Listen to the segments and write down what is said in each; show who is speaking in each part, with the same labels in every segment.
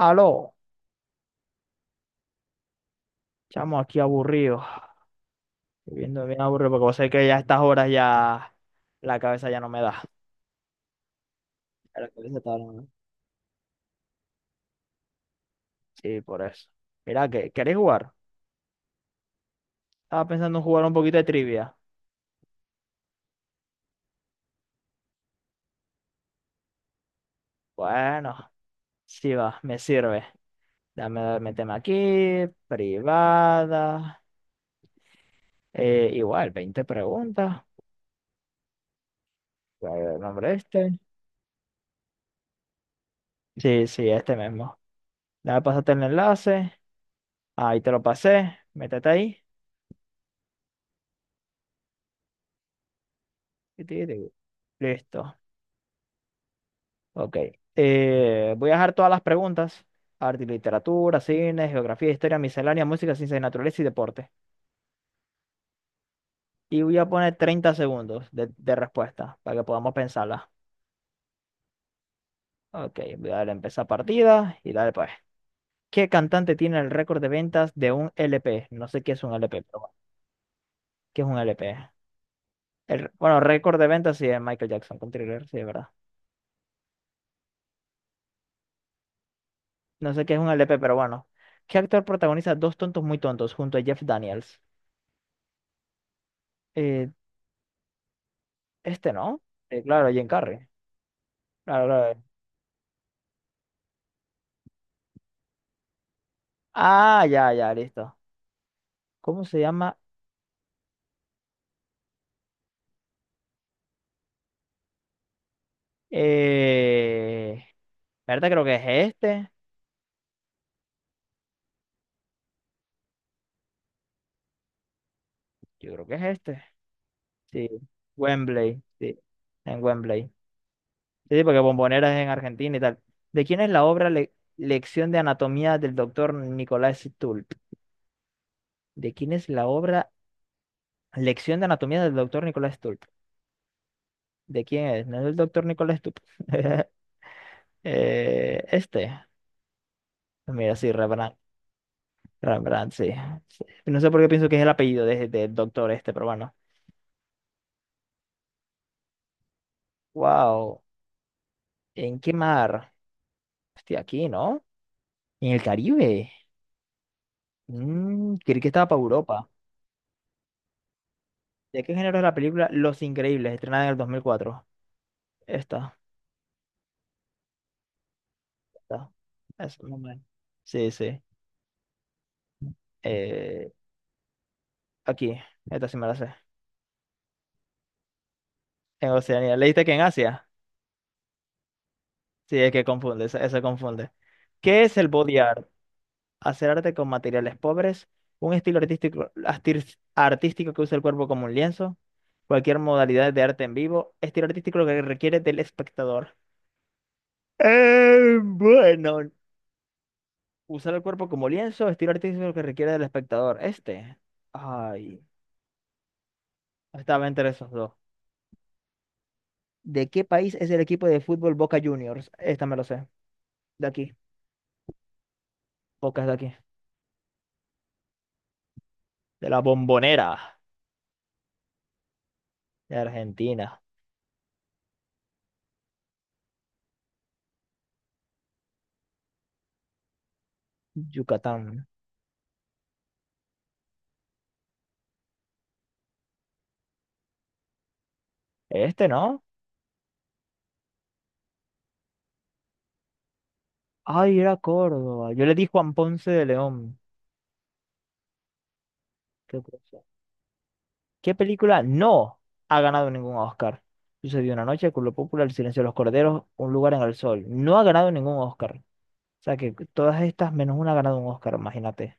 Speaker 1: Aló, chamo, aquí aburrido, viviendo bien aburrido, porque vos sabés que ya a estas horas ya la cabeza ya no me da. A la cabeza está dando, ¿no? Sí, por eso. Mira, ¿qué ¿queréis jugar? Estaba pensando en jugar un poquito de trivia. Bueno, sí va, me sirve. Dame, méteme aquí, privada. Igual, 20 preguntas. ¿Cuál es el nombre este? Sí, sí, este mismo. Dame, pasarte el enlace. Ahí te lo pasé. Métete ahí. y ti- ti- Listo. Ok. Voy a dejar todas las preguntas. Arte y literatura, cine, geografía, historia, miscelánea, música, ciencia y naturaleza y deporte. Y voy a poner 30 segundos de respuesta para que podamos pensarla. Ok, voy a darle a empezar partida y darle pues. ¿Qué cantante tiene el récord de ventas de un LP? No sé qué es un LP, pero bueno, ¿qué es un LP? Bueno, récord de ventas sí es Michael Jackson con Thriller, sí, es verdad. No sé qué es un LP, pero bueno. ¿Qué actor protagoniza Dos tontos muy tontos junto a Jeff Daniels? Eh, este no. Claro, Jim Carrey. Claro, claro. Ah, ya, ya, listo. ¿Cómo se llama? Eh... ¿Verdad? Creo que es este. Yo creo que es este. Sí. Wembley. Sí. En Wembley. Sí, sí, porque Bombonera es en Argentina y tal. ¿De quién es la obra Lección de Anatomía del doctor Nicolás Stulp? ¿De quién es la obra Lección de Anatomía del doctor Nicolás Stulp? ¿De quién es? ¿No es el doctor Nicolás Stulp? Este. Mira, sí, Revenant. Rembrandt, sí. Sí. No sé por qué pienso que es el apellido del doctor este, pero bueno. Wow. ¿En qué mar? Hostia, aquí, ¿no? En el Caribe. Creí que estaba para Europa. ¿De qué género es la película Los Increíbles, estrenada en el 2004? Esta, esta. Es muy buena. Sí, sí. Eh, Aquí, esta sí me la sé. En Oceanía. ¿Leíste que en Asia? Sí, es que confunde, eso confunde. ¿Qué es el body art? Hacer arte con materiales pobres, un estilo artístico, artístico que usa el cuerpo como un lienzo, cualquier modalidad de arte en vivo, estilo artístico que requiere del espectador. Bueno, usar el cuerpo como lienzo, estilo artístico que requiere del espectador. Este, ay, estaba entre esos dos. ¿De qué país es el equipo de fútbol Boca Juniors? Esta me lo sé, de aquí, Boca es de aquí, de la Bombonera, de Argentina, Yucatán. Este, ¿no? Ay, era Córdoba. Yo le di Juan Ponce de León. ¿Qué cosa? ¿Qué película no ha ganado ningún Oscar? Sucedió una noche, Culo Popular, El silencio de los corderos, Un lugar en el sol. No ha ganado ningún Oscar. O sea que todas estas menos una ha ganado un Oscar, imagínate.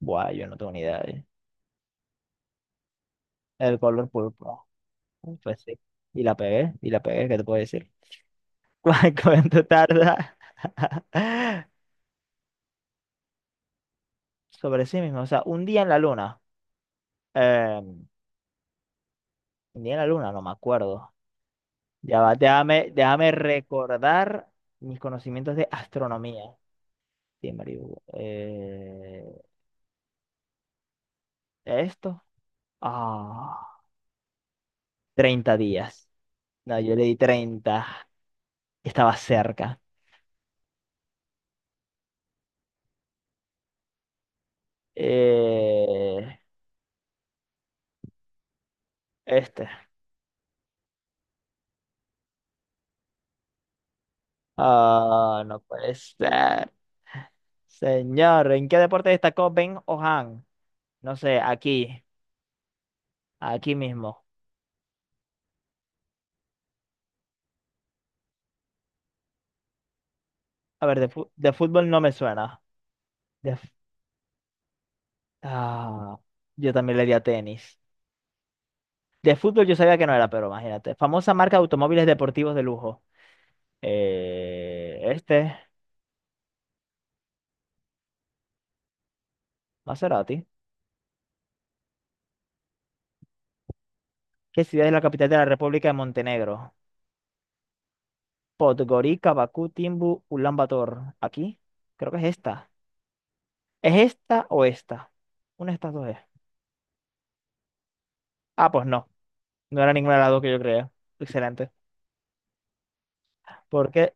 Speaker 1: Buah, yo no tengo ni idea. ¿Eh? El color púrpura. Pues sí. Y la pegué, ¿qué te puedo decir? ¿Cu- ¿Cuánto tarda? Sobre sí mismo. O sea, un día en la luna. Eh, un día en la luna, no me acuerdo. Ya va, déjame recordar mis conocimientos de astronomía. Sí, marico, esto. Ah, 30 días. No, yo le di 30. Estaba cerca. Eh, este. Ah, no puede ser. Señor, ¿en qué deporte destacó Ben O'Han? No sé, aquí, aquí mismo. A ver, de fútbol no me suena. De f- ah, yo también le di a tenis. De fútbol yo sabía que no era, pero imagínate. Famosa marca de automóviles deportivos de lujo. Este, Maserati. ¿Qué ciudad es la capital de la República de Montenegro? Podgorica, Bakú, Timbu, Ulaanbaatar. ¿Aquí? Creo que es esta. ¿Es esta o esta? Una de estas dos es. Ah, pues no. No era ninguna de las dos que yo creía. Excelente. Porque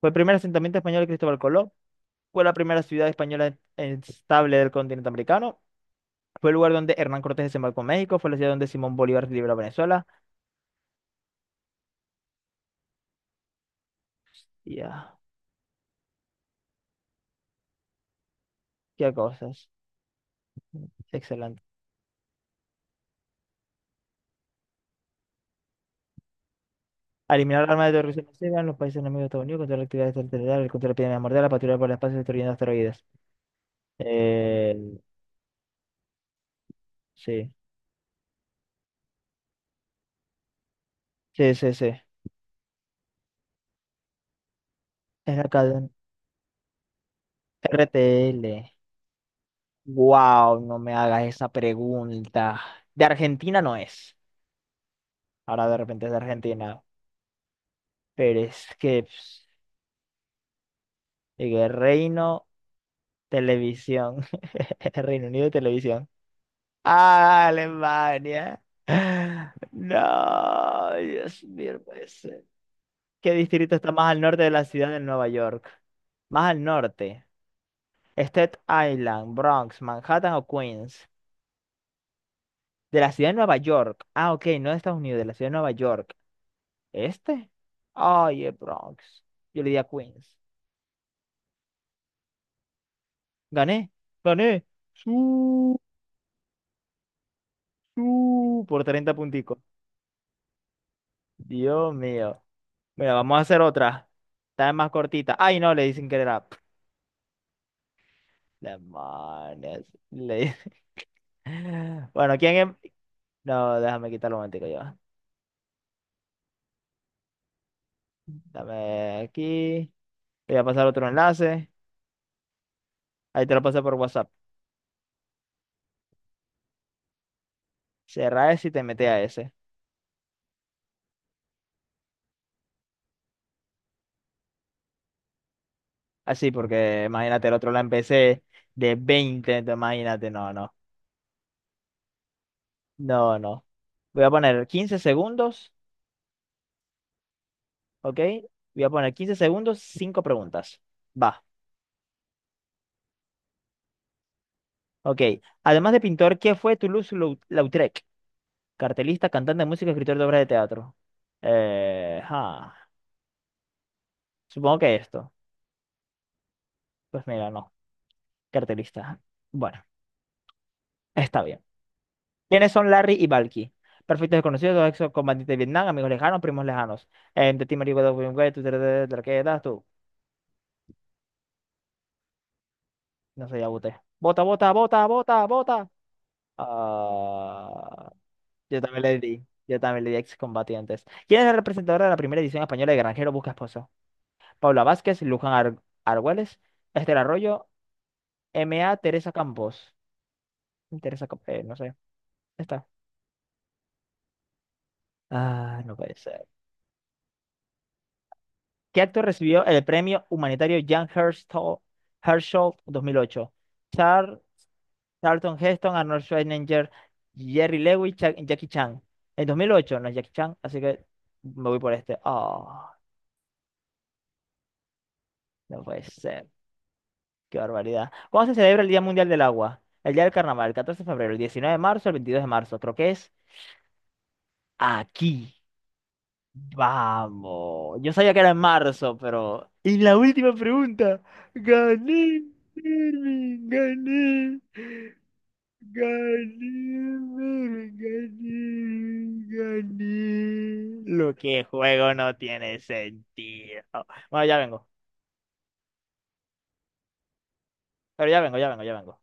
Speaker 1: fue el primer asentamiento español de Cristóbal Colón. Fue la primera ciudad española estable del continente americano. Fue el lugar donde Hernán Cortés desembarcó en México. Fue la ciudad donde Simón Bolívar liberó a Venezuela. Ya, qué cosas. Excelente. Eliminar armas de destrucción masiva en los países enemigos de Estados Unidos, contra la actividad extraterrestre, contra la epidemia mortal, la patrulla por el espacio destruyendo asteroides. Eh, sí, sí, sí, sí. Es la cadena. RTL. Wow, no me hagas esa pregunta. De Argentina no es. Ahora de repente es de Argentina. Pero es que pss, el Reino Televisión. Reino Unido Televisión. Ah, Alemania. Ah, no, Dios mío, no puede ser. ¿Qué distrito está más al norte de la ciudad de Nueva York? Más al norte. Staten Island, Bronx, Manhattan o Queens. De la ciudad de Nueva York. Ah, ok, no de Estados Unidos, de la ciudad de Nueva York. ¿Este? Ay, es Bronx. Yo le di a Queens. Gané, gané. Su, por 30 punticos. Dios mío. Mira, vamos a hacer otra. Está más cortita. Ay, no, le dicen que era. Demonios. Le- Bueno, ¿quién em-? No, déjame quitarlo un momentico ya. Dame aquí. Te voy a pasar otro enlace. Ahí te lo pasé por WhatsApp. Cerra ese y te mete a ese. Así, porque imagínate, el otro la empecé de 20 entonces imagínate, no, no. No, no. Voy a poner 15 segundos, ¿ok? Voy a poner 15 segundos, 5 preguntas. Va, ok. Además de pintor, ¿qué fue Toulouse-Lautrec? Cartelista, cantante de música, escritor de obras de teatro. Ah, supongo que esto. Pues mira, no. Cartelista. Bueno, está bien. ¿Quiénes son Larry y Valky? Perfectos desconocidos, dos excombatientes de Vietnam, amigos lejanos, primos lejanos. De ti, marico, de William Gates, tú, tra, tra, tra, ¿qué das tú? No sé, ya voté. Vota, vota, vota, vota, vota. Ah, yo también le di. Yo también le di excombatientes. ¿Quién es el representador de la primera edición española de Granjero Busca Esposo? Paula Vázquez, Luján Argüelles, Esther Arroyo, M A Teresa Campos. Teresa Campos, no sé. Está. Ah, no puede ser. ¿Qué actor recibió el premio humanitario Jan Herschel, Herschel 2008? Char, Charlton Heston, Arnold Schwarzenegger, Jerry Lewis, Jackie Chan. En 2008 no es Jackie Chan, así que me voy por este. Ah, no puede ser. Qué barbaridad. ¿Cuándo se celebra el Día Mundial del Agua? El día del carnaval, el 14 de febrero, el 19 de marzo, el 22 de marzo. Creo que es aquí. Vamos. Yo sabía que era en marzo, pero. Y la última pregunta. Gané, Mervin, gané. Gané, Mervin, gané, gané. Lo que juego no tiene sentido. Bueno, ya vengo. Pero ya vengo, ya vengo, ya vengo.